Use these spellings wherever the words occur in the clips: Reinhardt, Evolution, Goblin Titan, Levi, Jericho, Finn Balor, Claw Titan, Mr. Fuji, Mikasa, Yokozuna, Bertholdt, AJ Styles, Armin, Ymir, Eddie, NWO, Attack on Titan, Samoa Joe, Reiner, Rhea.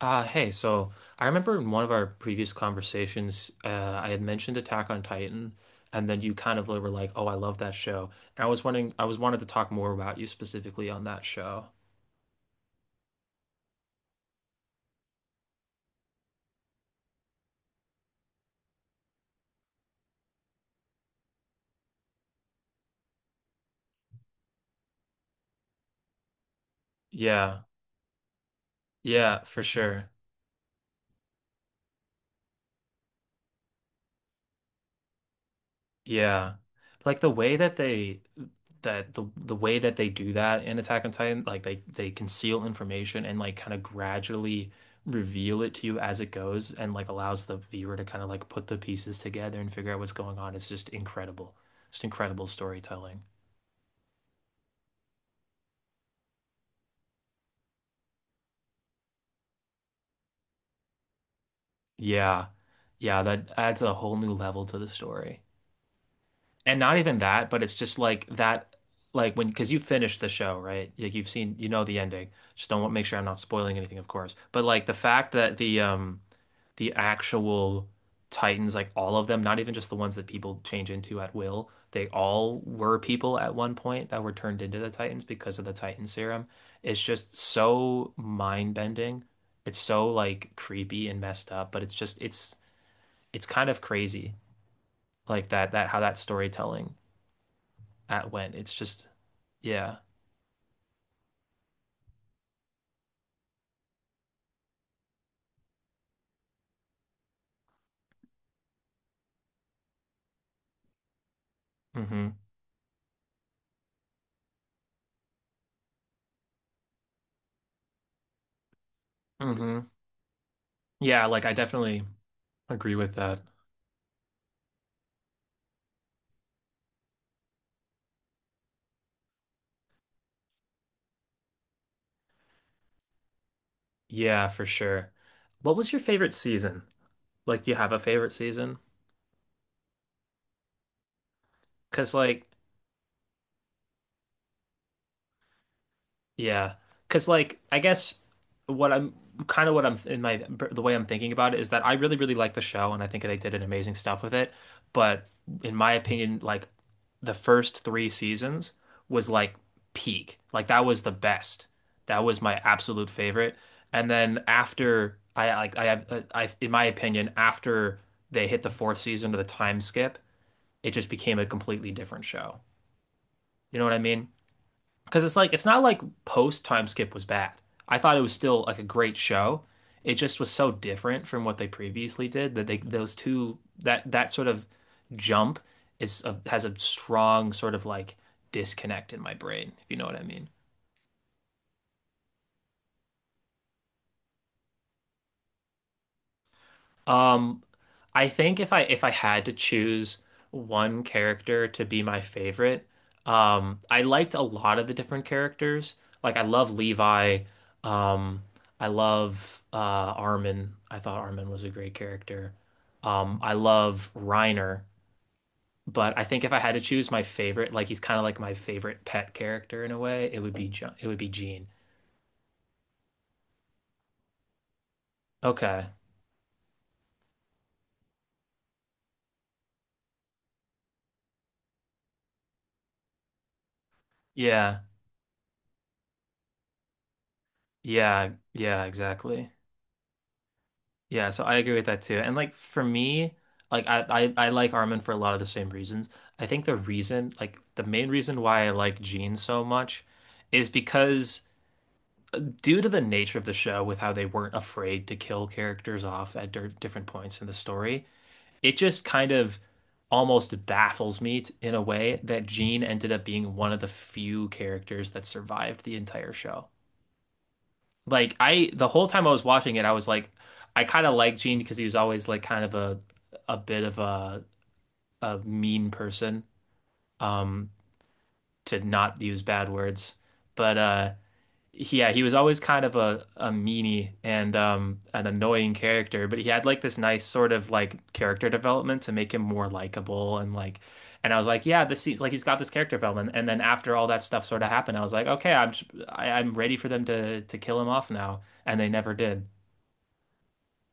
Hey, so I remember in one of our previous conversations, I had mentioned Attack on Titan, and then you kind of were like, "Oh, I love that show." And I was wanted to talk more about you specifically on that show. Yeah, yeah, for sure. Yeah. Like the way that they do that in Attack on Titan, like they conceal information and like kind of gradually reveal it to you as it goes and like allows the viewer to kind of like put the pieces together and figure out what's going on. It's just incredible. Just incredible storytelling. Yeah. Yeah, that adds a whole new level to the story. And not even that, but it's just like that, because you finished the show, right? Like you've seen, you know the ending. Just don't want make sure I'm not spoiling anything, of course. But like the fact that the actual Titans, like all of them, not even just the ones that people change into at will, they all were people at one point that were turned into the Titans because of the Titan serum. It's just so mind-bending. It's so like creepy and messed up, but it's just it's kind of crazy, like that how that storytelling at when. Yeah. Hmm. Hmm. Yeah, like I definitely agree with that. Yeah, for sure. What was your favorite season? Like, do you have a favorite season? Because, like, Yeah, because like I guess what I'm kind of what I'm in my the way I'm thinking about it is that I really really like the show and I think they did an amazing stuff with it, but in my opinion, like the first three seasons was like peak, like that was the best, that was my absolute favorite, and then after I like I have I in my opinion after they hit the fourth season to the time skip, it just became a completely different show. You know what I mean? Because it's like it's not like post Time Skip was bad. I thought it was still like a great show. It just was so different from what they previously did that they those two that sort of jump has a strong sort of like disconnect in my brain, if you know what I mean. Um, I think if I had to choose one character to be my favorite, I liked a lot of the different characters. Like I love Levi. Um, I love Armin. I thought Armin was a great character. I love Reiner, but I think if I had to choose my favorite, like he's kind of like my favorite pet character in a way, it would be John, it would be Gene. Okay. Yeah. Yeah. Yeah, exactly. Yeah, so I agree with that too. And like for me, like I like Armin for a lot of the same reasons. I think the reason, like the main reason why I like Gene so much is because due to the nature of the show with how they weren't afraid to kill characters off at different points in the story, it just kind of almost baffles me in a way that Gene ended up being one of the few characters that survived the entire show. Like the whole time I was watching it, I was like, I kind of liked Gene because he was always like kind of a bit of a mean person, um, to not use bad words. But yeah, he was always kind of a meanie and an annoying character. But he had like this nice sort of like character development to make him more likable and like, and I was like, yeah, this seems like he's got this character development. And then after all that stuff sort of happened, I was like, okay, I am ready for them to kill him off now, and they never did.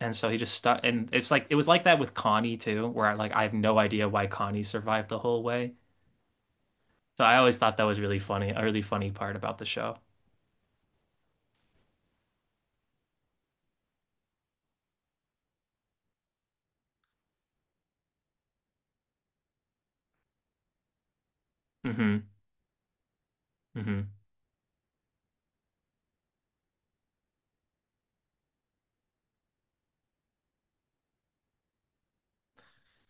And so he just stuck, and it's like it was like that with Connie too, where I have no idea why Connie survived the whole way. So I always thought that was really funny, a really funny part about the show. Hmm. Hmm.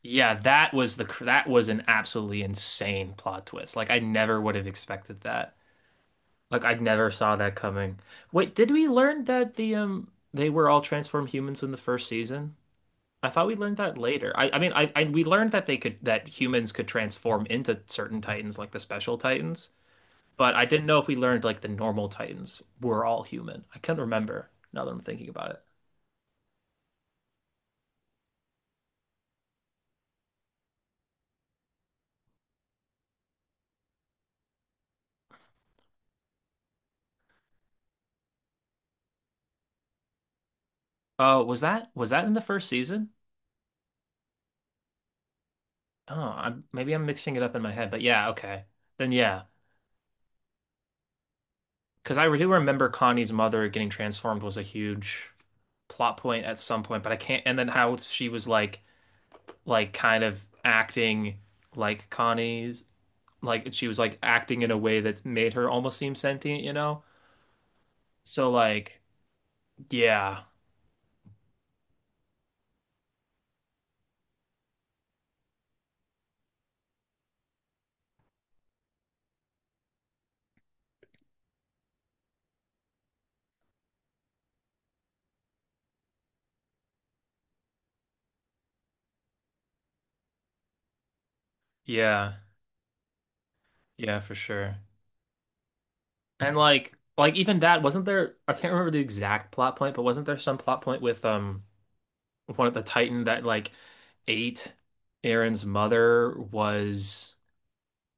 Yeah, that was an absolutely insane plot twist. Like I never would have expected that. Like I never saw that coming. Wait, did we learn that they were all transformed humans in the first season? I thought we learned that later. I mean I we learned that humans could transform into certain titans like the special titans. But I didn't know if we learned like the normal Titans were all human. I can not remember now that I'm thinking about it. Oh, was that in the first season? Oh, I'm, maybe I'm mixing it up in my head. But yeah, okay. Then yeah, because I do remember Connie's mother getting transformed was a huge plot point at some point, but I can't. And then how she was like kind of acting like Connie's like she was like acting in a way that made her almost seem sentient, you know? So like yeah, yeah, yeah, for sure. And like even that wasn't there I can't remember the exact plot point, but wasn't there some plot point with one of the Titan that like ate Aaron's mother was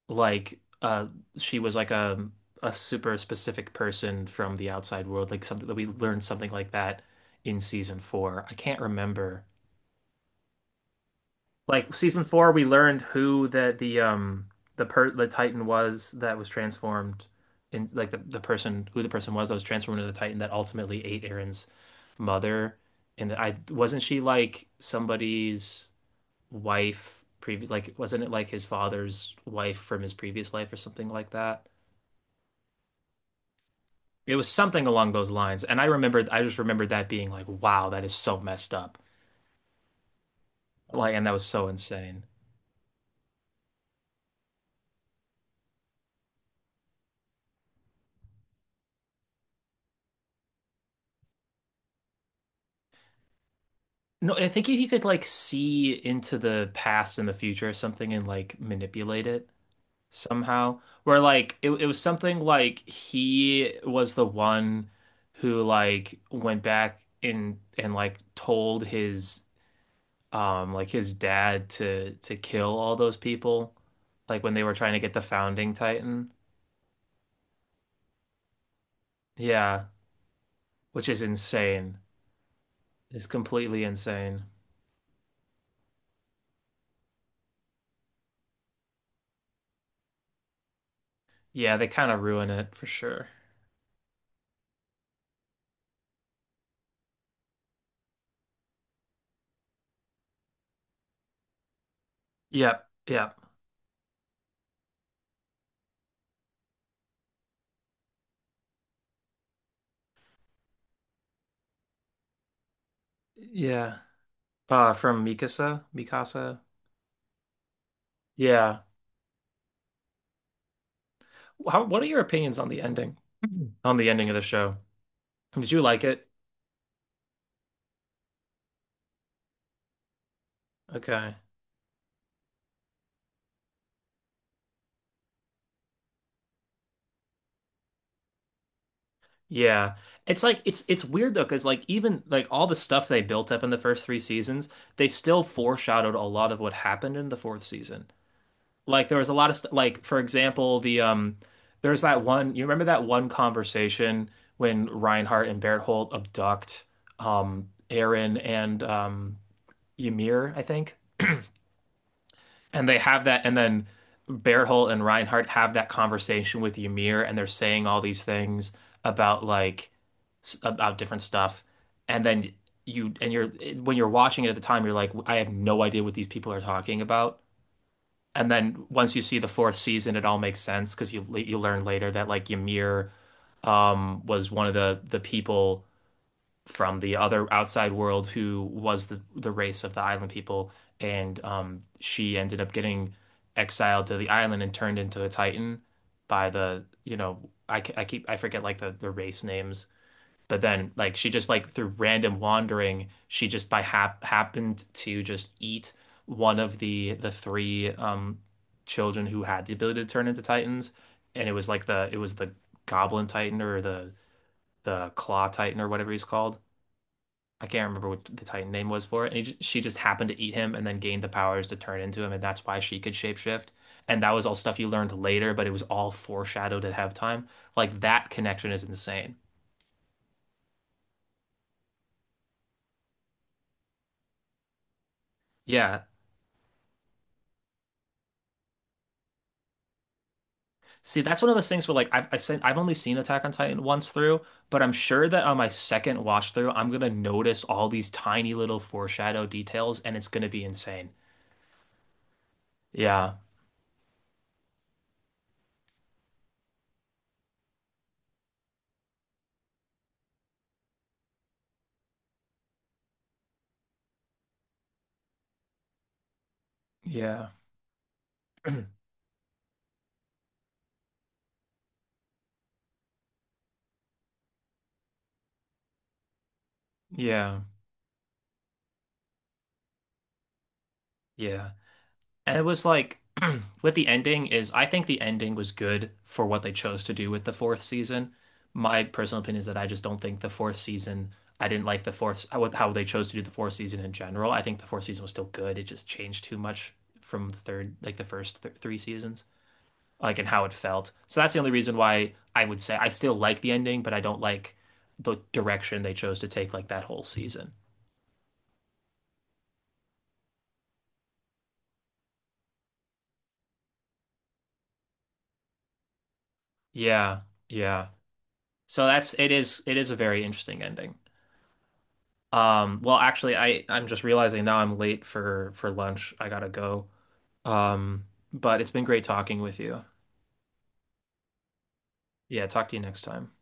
like she was like a super specific person from the outside world, like something that we learned something like that in season four. I can't remember. Like season four, we learned who the Titan was that was transformed in like the person who the person was that was transformed into the Titan that ultimately ate Aaron's mother. And I wasn't she like somebody's wife previous like wasn't it like his father's wife from his previous life or something like that? It was something along those lines. And I just remembered that being like, wow, that is so messed up. Like and that was so insane. No, I think he could like see into the past and the future or something and like manipulate it somehow. Where like it was something like he was the one who like went back in and like told his like his dad to kill all those people like when they were trying to get the founding Titan. Yeah, which is insane. It's completely insane. Yeah, they kind of ruin it for sure. Yep, yep. Yeah. From Mikasa, Mikasa. Yeah. How, what are your opinions on the ending? Mhm. On the ending of the show? Did you like it? Okay. Yeah. It's like it's weird though, because like even like all the stuff they built up in the first three seasons, they still foreshadowed a lot of what happened in the fourth season. Like there was a lot of st like for example, there's that one you remember that one conversation when Reinhardt and Barrett Holt abduct Aaron and Ymir, I think. And they have that, and then Berthold and Reinhardt have that conversation with Ymir, and they're saying all these things about like about different stuff. And then you and you're when you're watching it at the time, you're like, I have no idea what these people are talking about. And then once you see the fourth season, it all makes sense because you learn later that like Ymir was one of the people from the other outside world who was the race of the island people, and she ended up getting exiled to the island and turned into a Titan by the you know I keep I forget like the race names, but then like she just like through random wandering, she just by happened to just eat one of the three children who had the ability to turn into Titans, and it was like the it was the Goblin Titan or the Claw Titan or whatever he's called I can't remember what the Titan name was for it. And she just happened to eat him and then gained the powers to turn into him. And that's why she could shapeshift. And that was all stuff you learned later, but it was all foreshadowed at halftime. Like that connection is insane. Yeah. See, that's one of those things where like I've only seen Attack on Titan once through, but I'm sure that on my second watch through, I'm gonna notice all these tiny little foreshadow details and it's gonna be insane. Yeah. Yeah. Yeah. Yeah. And it was like with the ending is I think the ending was good for what they chose to do with the fourth season. My personal opinion is that I just don't think the fourth season I didn't like the fourth how they chose to do the fourth season in general. I think the fourth season was still good. It just changed too much from the third like the first th three seasons like and how it felt. So that's the only reason why I would say I still like the ending, but I don't like the direction they chose to take like that whole season. Yeah. Yeah. So that's it is a very interesting ending. Well, actually, I'm just realizing now I'm late for lunch. I gotta go. Um, but it's been great talking with you. Yeah, talk to you next time.